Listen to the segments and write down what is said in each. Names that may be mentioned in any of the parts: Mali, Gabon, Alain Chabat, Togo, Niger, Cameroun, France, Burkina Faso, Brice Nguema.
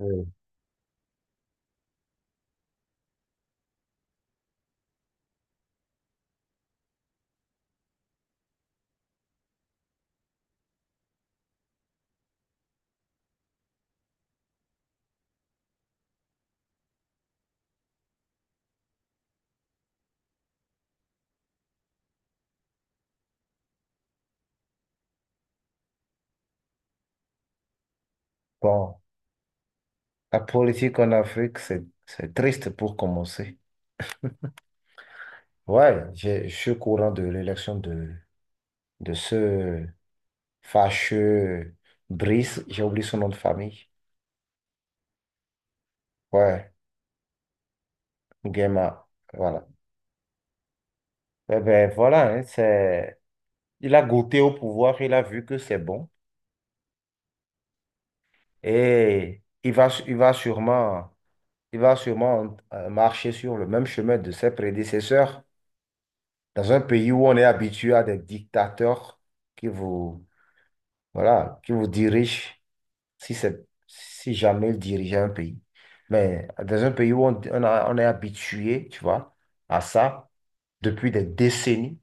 Euh, Bon, la politique en Afrique, c'est triste pour commencer. Ouais, je suis au courant de l'élection de ce fâcheux Brice, j'ai oublié son nom de famille. Ouais, Nguema, voilà. Eh ben voilà, hein, il a goûté au pouvoir, il a vu que c'est bon et il va sûrement marcher sur le même chemin de ses prédécesseurs dans un pays où on est habitué à des dictateurs qui vous Voilà, qui vous dirige, si jamais il dirigeait un pays. Mais dans un pays où on est habitué, tu vois, à ça depuis des décennies,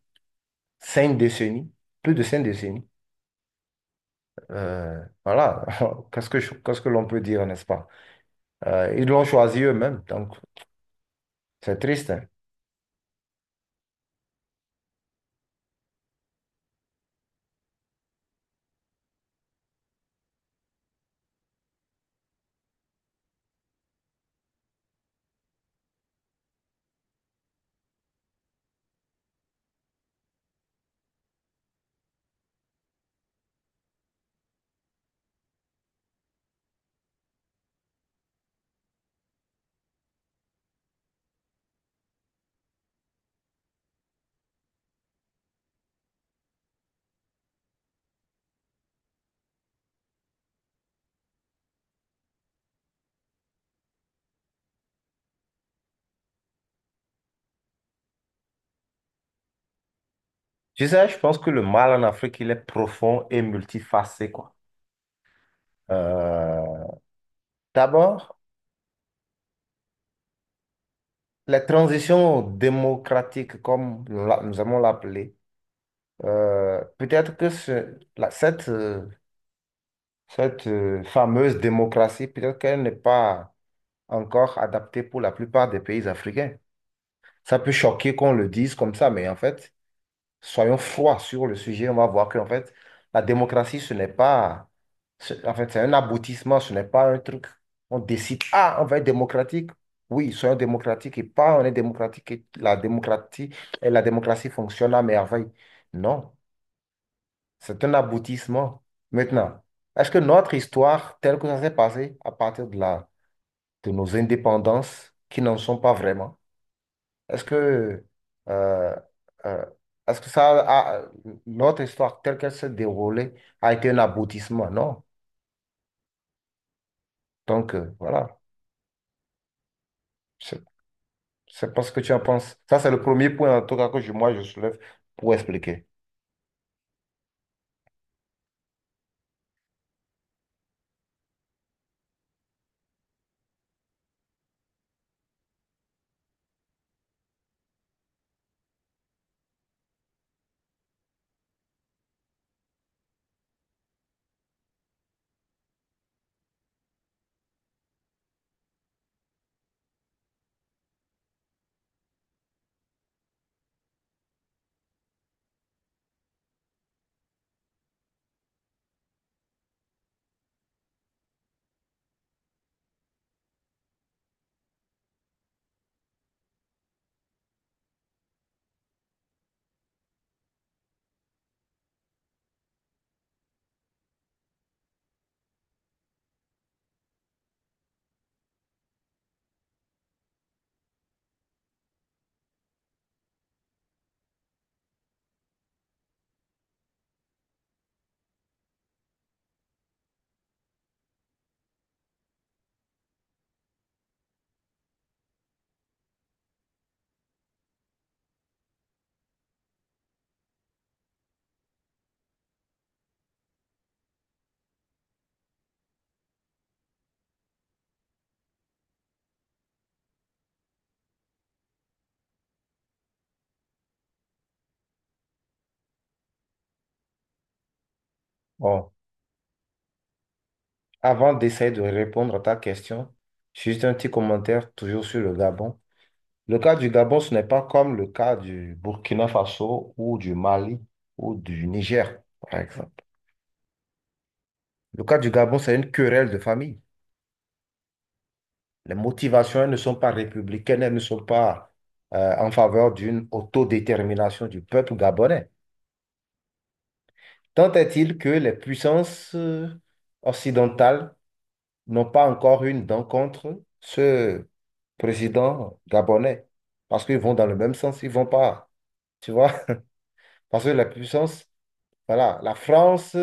cinq décennies, plus de cinq décennies, voilà, qu'est-ce que l'on peut dire, n'est-ce pas? Ils l'ont choisi eux-mêmes, donc c'est triste. Hein. Je sais, je pense que le mal en Afrique, il est profond et multifacé, quoi. Euh, D'abord, les transitions démocratiques, comme nous allons l'appeler, peut-être que cette fameuse démocratie, peut-être qu'elle n'est pas encore adaptée pour la plupart des pays africains. Ça peut choquer qu'on le dise comme ça, mais en fait, soyons froids sur le sujet. On va voir qu'en fait, la démocratie, ce n'est pas ce- en fait, c'est un aboutissement, ce n'est pas un truc. On décide, ah, on va être démocratique. Oui, soyons démocratiques et pas on est démocratique et la démocratie fonctionne à merveille. Non. C'est un aboutissement. Maintenant, est-ce que notre histoire, telle que ça s'est passé à partir de la, de nos indépendances, qui n'en sont pas vraiment, est-ce que, euh, euh, est-ce que ça a- notre histoire telle qu'elle s'est déroulée a été un aboutissement? Non. Donc, voilà. Je je pas ce que tu en penses. Ça, c'est le premier point, en tout cas, que moi, je soulève pour expliquer. Bon, avant d'essayer de répondre à ta question, juste un petit commentaire toujours sur le Gabon. Le cas du Gabon, ce n'est pas comme le cas du Burkina Faso ou du Mali ou du Niger, par exemple. Le cas du Gabon, c'est une querelle de famille. Les motivations, elles ne sont pas républicaines, elles ne sont pas en faveur d'une autodétermination du peuple gabonais. Tant est-il que les puissances occidentales n'ont pas encore une dent contre ce président gabonais, parce qu'ils vont dans le même sens, ils vont pas, tu vois, parce que la puissance Voilà, la France,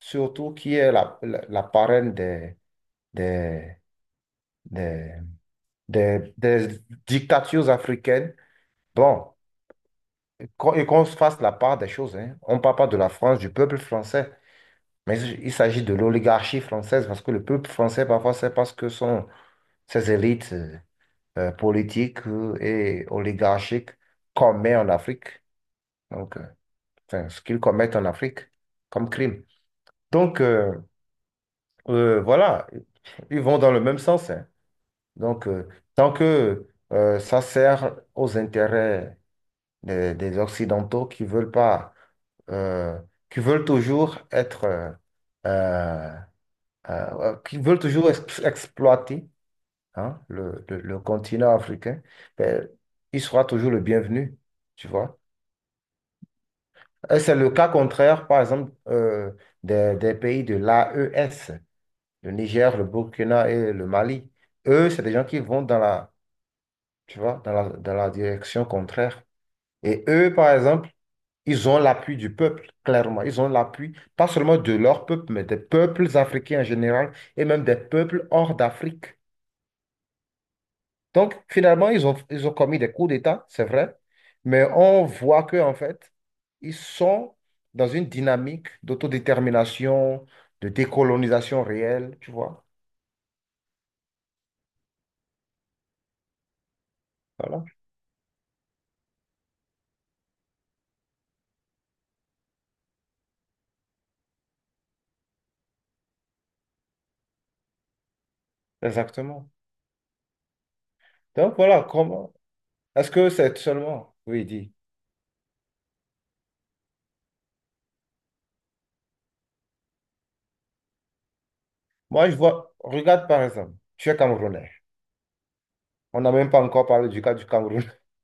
surtout qui est la parraine des, des, des dictatures africaines. Bon, qu'on se fasse la part des choses, hein. On ne parle pas de la France, du peuple français, mais il s'agit de l'oligarchie française, parce que le peuple français, parfois, c'est parce que son, ses élites politiques et oligarchiques commettent en Afrique, donc, euh, enfin, ce qu'ils commettent en Afrique comme crime. Donc, voilà, ils vont dans le même sens. Hein. Donc, tant que ça sert aux intérêts des Occidentaux qui veulent pas, euh, qui veulent toujours être, euh, qui veulent toujours exploiter, hein, le continent africain, ben, il sera toujours le bienvenu, tu vois. Et c'est le cas contraire, par exemple, des pays de l'AES. Le Niger, le Burkina et le Mali. Eux, c'est des gens qui vont dans la, tu vois, dans la direction contraire. Et eux, par exemple, ils ont l'appui du peuple, clairement. Ils ont l'appui, pas seulement de leur peuple, mais des peuples africains en général et même des peuples hors d'Afrique. Donc, finalement, ils ont commis des coups d'État, c'est vrai, mais on voit que, en fait, ils sont dans une dynamique d'autodétermination, de décolonisation réelle, tu vois. Voilà, exactement. Donc voilà, comment est-ce que c'est seulement, oui, dit. Moi, je vois, regarde par exemple, tu es Camerounais. On n'a même pas encore parlé du cas du Cameroun.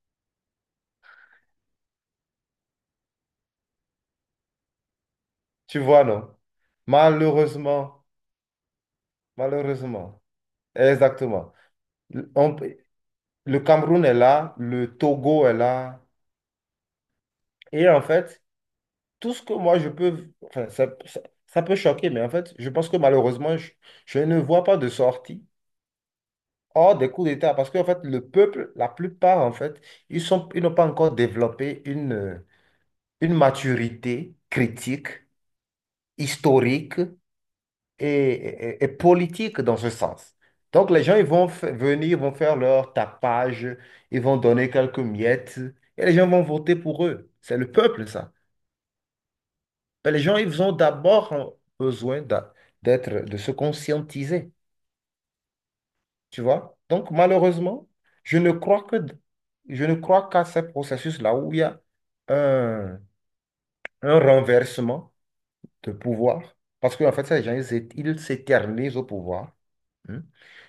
Tu vois, non? Malheureusement, malheureusement, exactement. Le on- le Cameroun est là, le Togo est là. Et en fait, tout ce que moi je peux, enfin, ça peut choquer, mais en fait, je pense que malheureusement, je ne vois pas de sortie hors des coups d'État. Parce qu'en fait, le peuple, la plupart, en fait, ils n'ont pas encore développé une maturité critique, historique et, et politique dans ce sens. Donc les gens ils vont venir, vont faire leur tapage, ils vont donner quelques miettes et les gens vont voter pour eux. C'est le peuple, ça. Mais les gens, ils ont d'abord besoin de se conscientiser, tu vois. Donc malheureusement, je ne crois que, je ne crois qu'à ces processus-là où il y a un, un renversement de pouvoir, parce qu'en fait, ces gens, ils s'éternisent au pouvoir. Hein.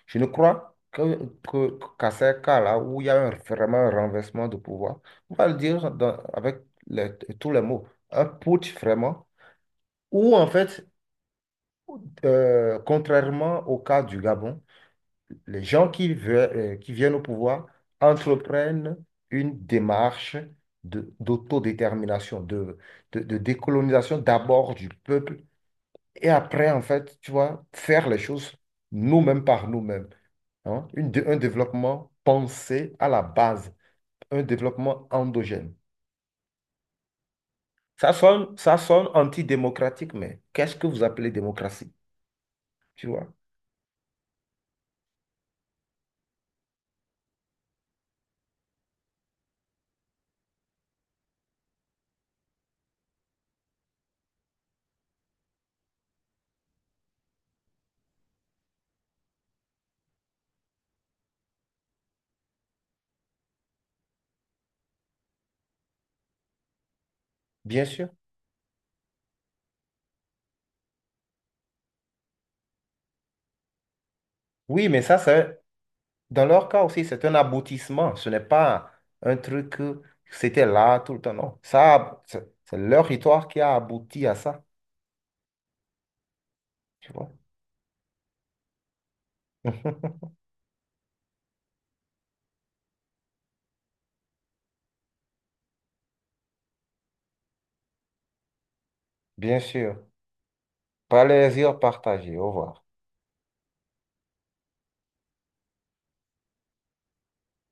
Je ne crois qu'à ces cas-là où il y a vraiment un renversement de pouvoir, on va le dire avec tous les mots, un putsch vraiment, où en fait, contrairement au cas du Gabon, les gens veulent, qui viennent au pouvoir entreprennent une démarche d'autodétermination, de décolonisation d'abord du peuple. Et après, en fait, tu vois, faire les choses nous-mêmes par nous-mêmes. Hein. Un développement pensé à la base, un développement endogène. Ça sonne antidémocratique, mais qu'est-ce que vous appelez démocratie? Tu vois? Bien sûr. Oui, mais ça, c'est, dans leur cas aussi, c'est un aboutissement. Ce n'est pas un truc que c'était là tout le temps. Non. Ça, c'est leur histoire qui a abouti à ça. Tu vois? Bien sûr. Plaisir partagé. Au revoir.